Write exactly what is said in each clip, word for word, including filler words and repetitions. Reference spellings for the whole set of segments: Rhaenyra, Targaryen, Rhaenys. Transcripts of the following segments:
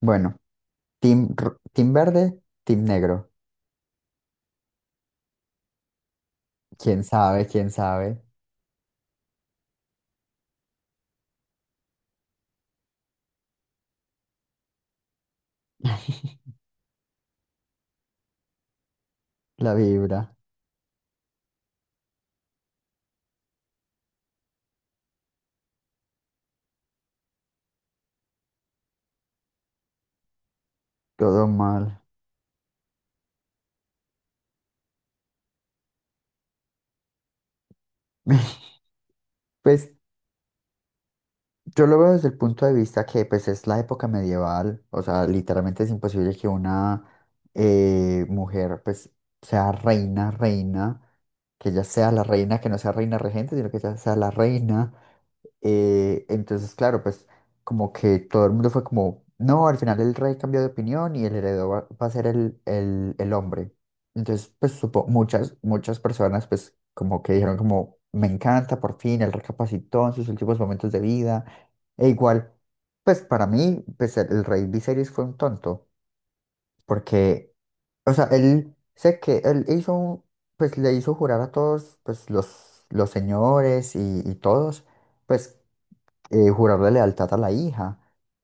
Bueno, team, ro- team verde, team negro. ¿Quién sabe? ¿Quién sabe? La vibra, todo mal. Pues yo lo veo desde el punto de vista que pues es la época medieval, o sea, literalmente es imposible que una eh, mujer pues sea reina, reina, que ella sea la reina, que no sea reina regente, sino que ella sea la reina. Eh, entonces, claro, pues como que todo el mundo fue como, no, al final el rey cambió de opinión y el heredero va, va a ser el, el, el hombre. Entonces, pues supo, muchas, muchas personas pues como que dijeron como, me encanta, por fin, él recapacitó en sus últimos momentos de vida. E igual, pues para mí, pues el, el rey Viserys fue un tonto, porque, o sea, él, sé que él hizo, un- pues le hizo jurar a todos, pues los, los señores y, y todos. Pues eh, jurarle lealtad a la hija.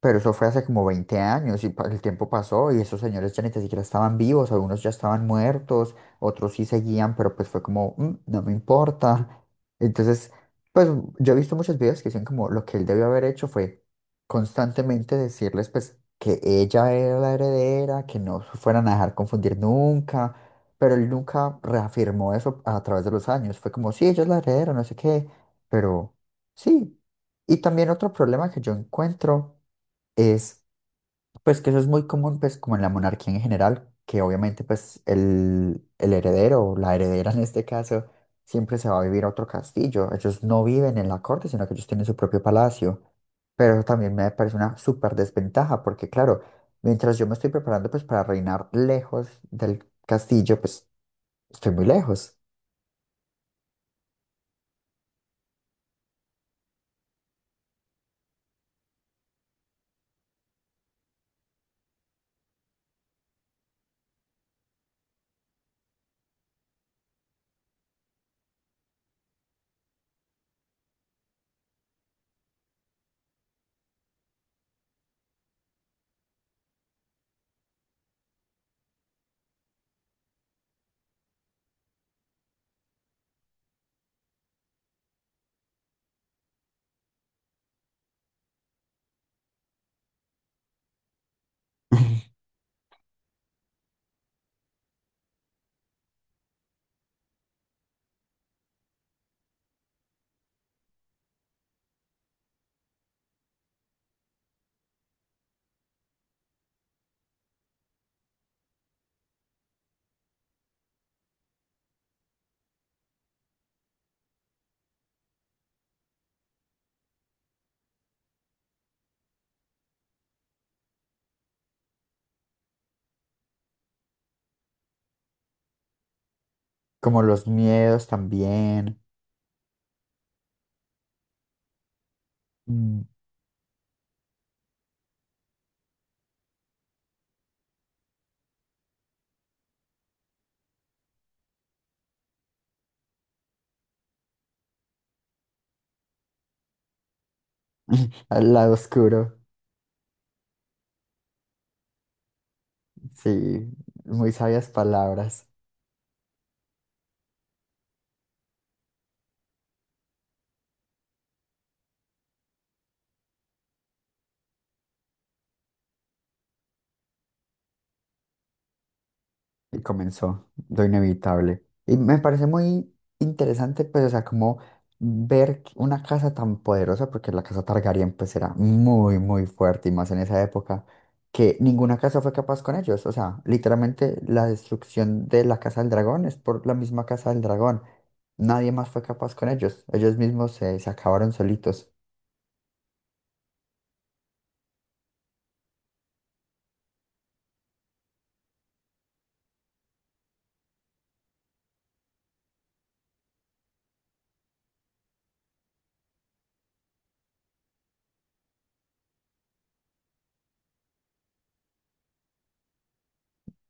Pero eso fue hace como veinte años y pa- el tiempo pasó y esos señores ya ni tan siquiera estaban vivos, algunos ya estaban muertos, otros sí seguían, pero pues fue como, "Mm, no me importa." Entonces, pues yo he visto muchos videos que dicen como lo que él debió haber hecho fue constantemente decirles pues que ella era la heredera, que no se fueran a dejar confundir nunca, pero él nunca reafirmó eso a través de los años. Fue como, sí, ella es la heredera, no sé qué, pero sí. Y también otro problema que yo encuentro es, pues que eso es muy común, pues como en la monarquía en general, que obviamente pues el, el heredero, o la heredera en este caso, siempre se va a vivir a otro castillo. Ellos no viven en la corte, sino que ellos tienen su propio palacio. Pero eso también me parece una súper desventaja, porque claro, mientras yo me estoy preparando pues para reinar lejos del castillo, pues estoy muy lejos. Como los miedos también, mm, al lado oscuro. Sí, muy sabias palabras. Y comenzó lo inevitable. Y me parece muy interesante, pues, o sea, como ver que una casa tan poderosa, porque la casa Targaryen, pues, era muy, muy fuerte, y más en esa época, que ninguna casa fue capaz con ellos. O sea, literalmente la destrucción de la casa del dragón es por la misma casa del dragón. Nadie más fue capaz con ellos. Ellos mismos se, se acabaron solitos.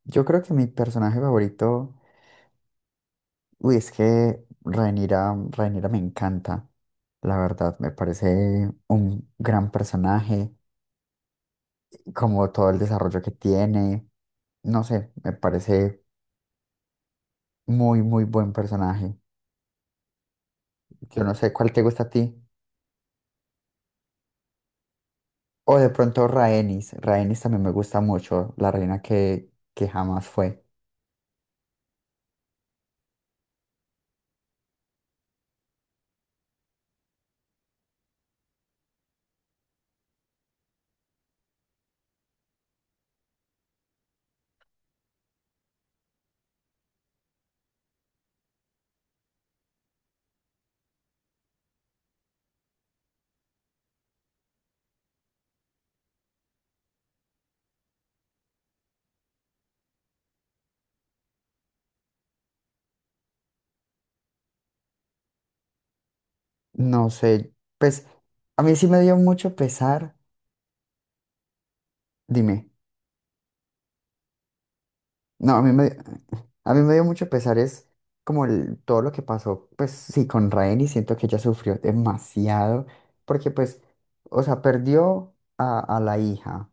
Yo creo que mi personaje favorito. Uy, es que Rhaenyra, Rhaenyra me encanta, la verdad, me parece un gran personaje, como todo el desarrollo que tiene, no sé, me parece muy, muy buen personaje. Yo no sé cuál te gusta a ti. O de pronto Rhaenys, Rhaenys también me gusta mucho, la reina que, que jamás fue. No sé, pues a mí sí me dio mucho pesar, dime. No, a mí me, a mí me dio mucho pesar, es como el- todo lo que pasó, pues sí, con Raeni, siento que ella sufrió demasiado, porque pues, o sea, perdió a, a la hija,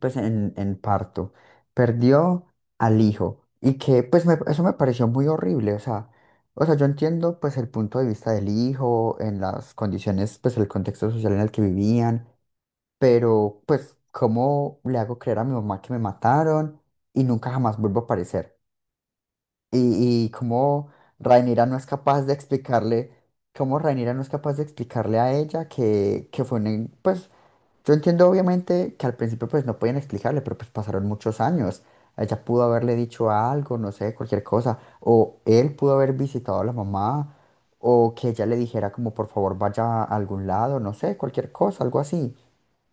pues en, en parto, perdió al hijo, y que pues me- eso me pareció muy horrible, o sea, o sea, yo entiendo pues el punto de vista del hijo, en las condiciones, pues el contexto social en el que vivían, pero pues, ¿cómo le hago creer a mi mamá que me mataron y nunca jamás vuelvo a aparecer? Y, y cómo Rhaenyra no es capaz de explicarle, cómo Rhaenyra no es capaz de explicarle a ella que, que fue un, en- pues, yo entiendo obviamente que al principio pues no podían explicarle, pero pues pasaron muchos años. Ella pudo haberle dicho algo, no sé, cualquier cosa, o él pudo haber visitado a la mamá, o que ella le dijera como por favor vaya a algún lado, no sé, cualquier cosa, algo así.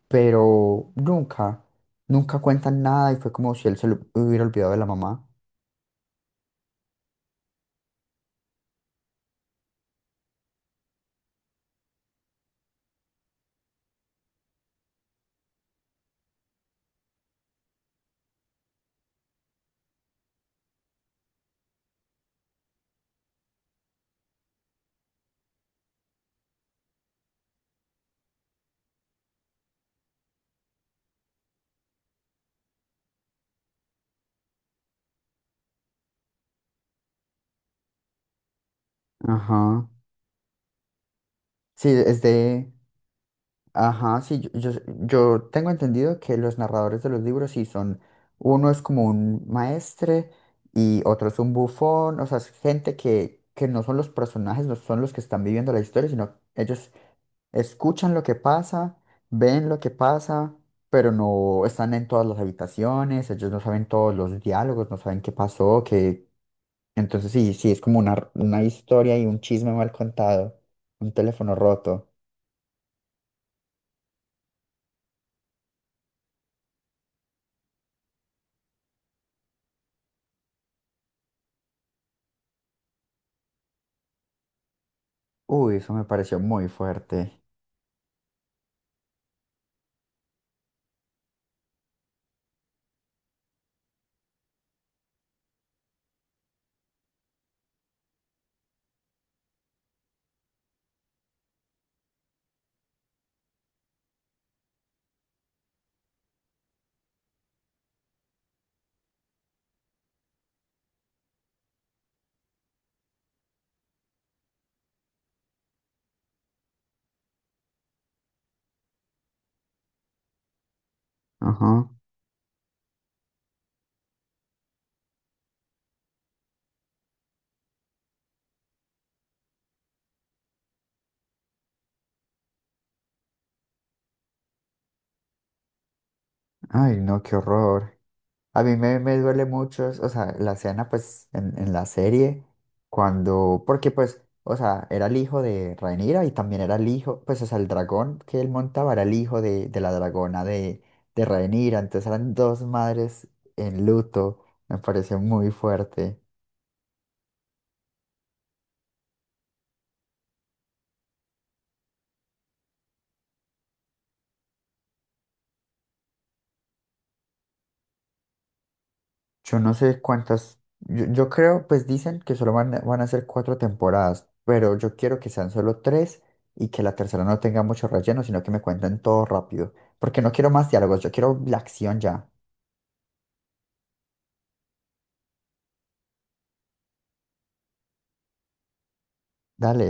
Pero nunca, nunca cuentan nada y fue como si él se lo hubiera olvidado de la mamá. Ajá. Sí, es de... Ajá, sí, yo, yo, yo tengo entendido que los narradores de los libros sí son... Uno es como un maestre y otro es un bufón, o sea, es gente que, que no son los personajes, no son los que están viviendo la historia, sino ellos escuchan lo que pasa, ven lo que pasa, pero no están en todas las habitaciones, ellos no saben todos los diálogos, no saben qué pasó, que... Entonces sí, sí, es como una, una historia y un chisme mal contado, un teléfono roto. Uy, eso me pareció muy fuerte. Ajá. Ay, no, qué horror. A mí me, me duele mucho, o sea, la escena, pues, en, en la serie, cuando, porque, pues, o sea, era el hijo de Rhaenyra y también era el hijo, pues, o sea, el dragón que él montaba era el hijo de, de la dragona de, de Rhaenyra, entonces eran dos madres en luto, me pareció muy fuerte. Yo no sé cuántas, yo, yo creo, pues dicen que solo van, a- van a ser cuatro temporadas, pero yo quiero que sean solo tres y que la tercera no tenga mucho relleno, sino que me cuenten todo rápido, porque no quiero más diálogos, yo quiero la acción ya. Dale.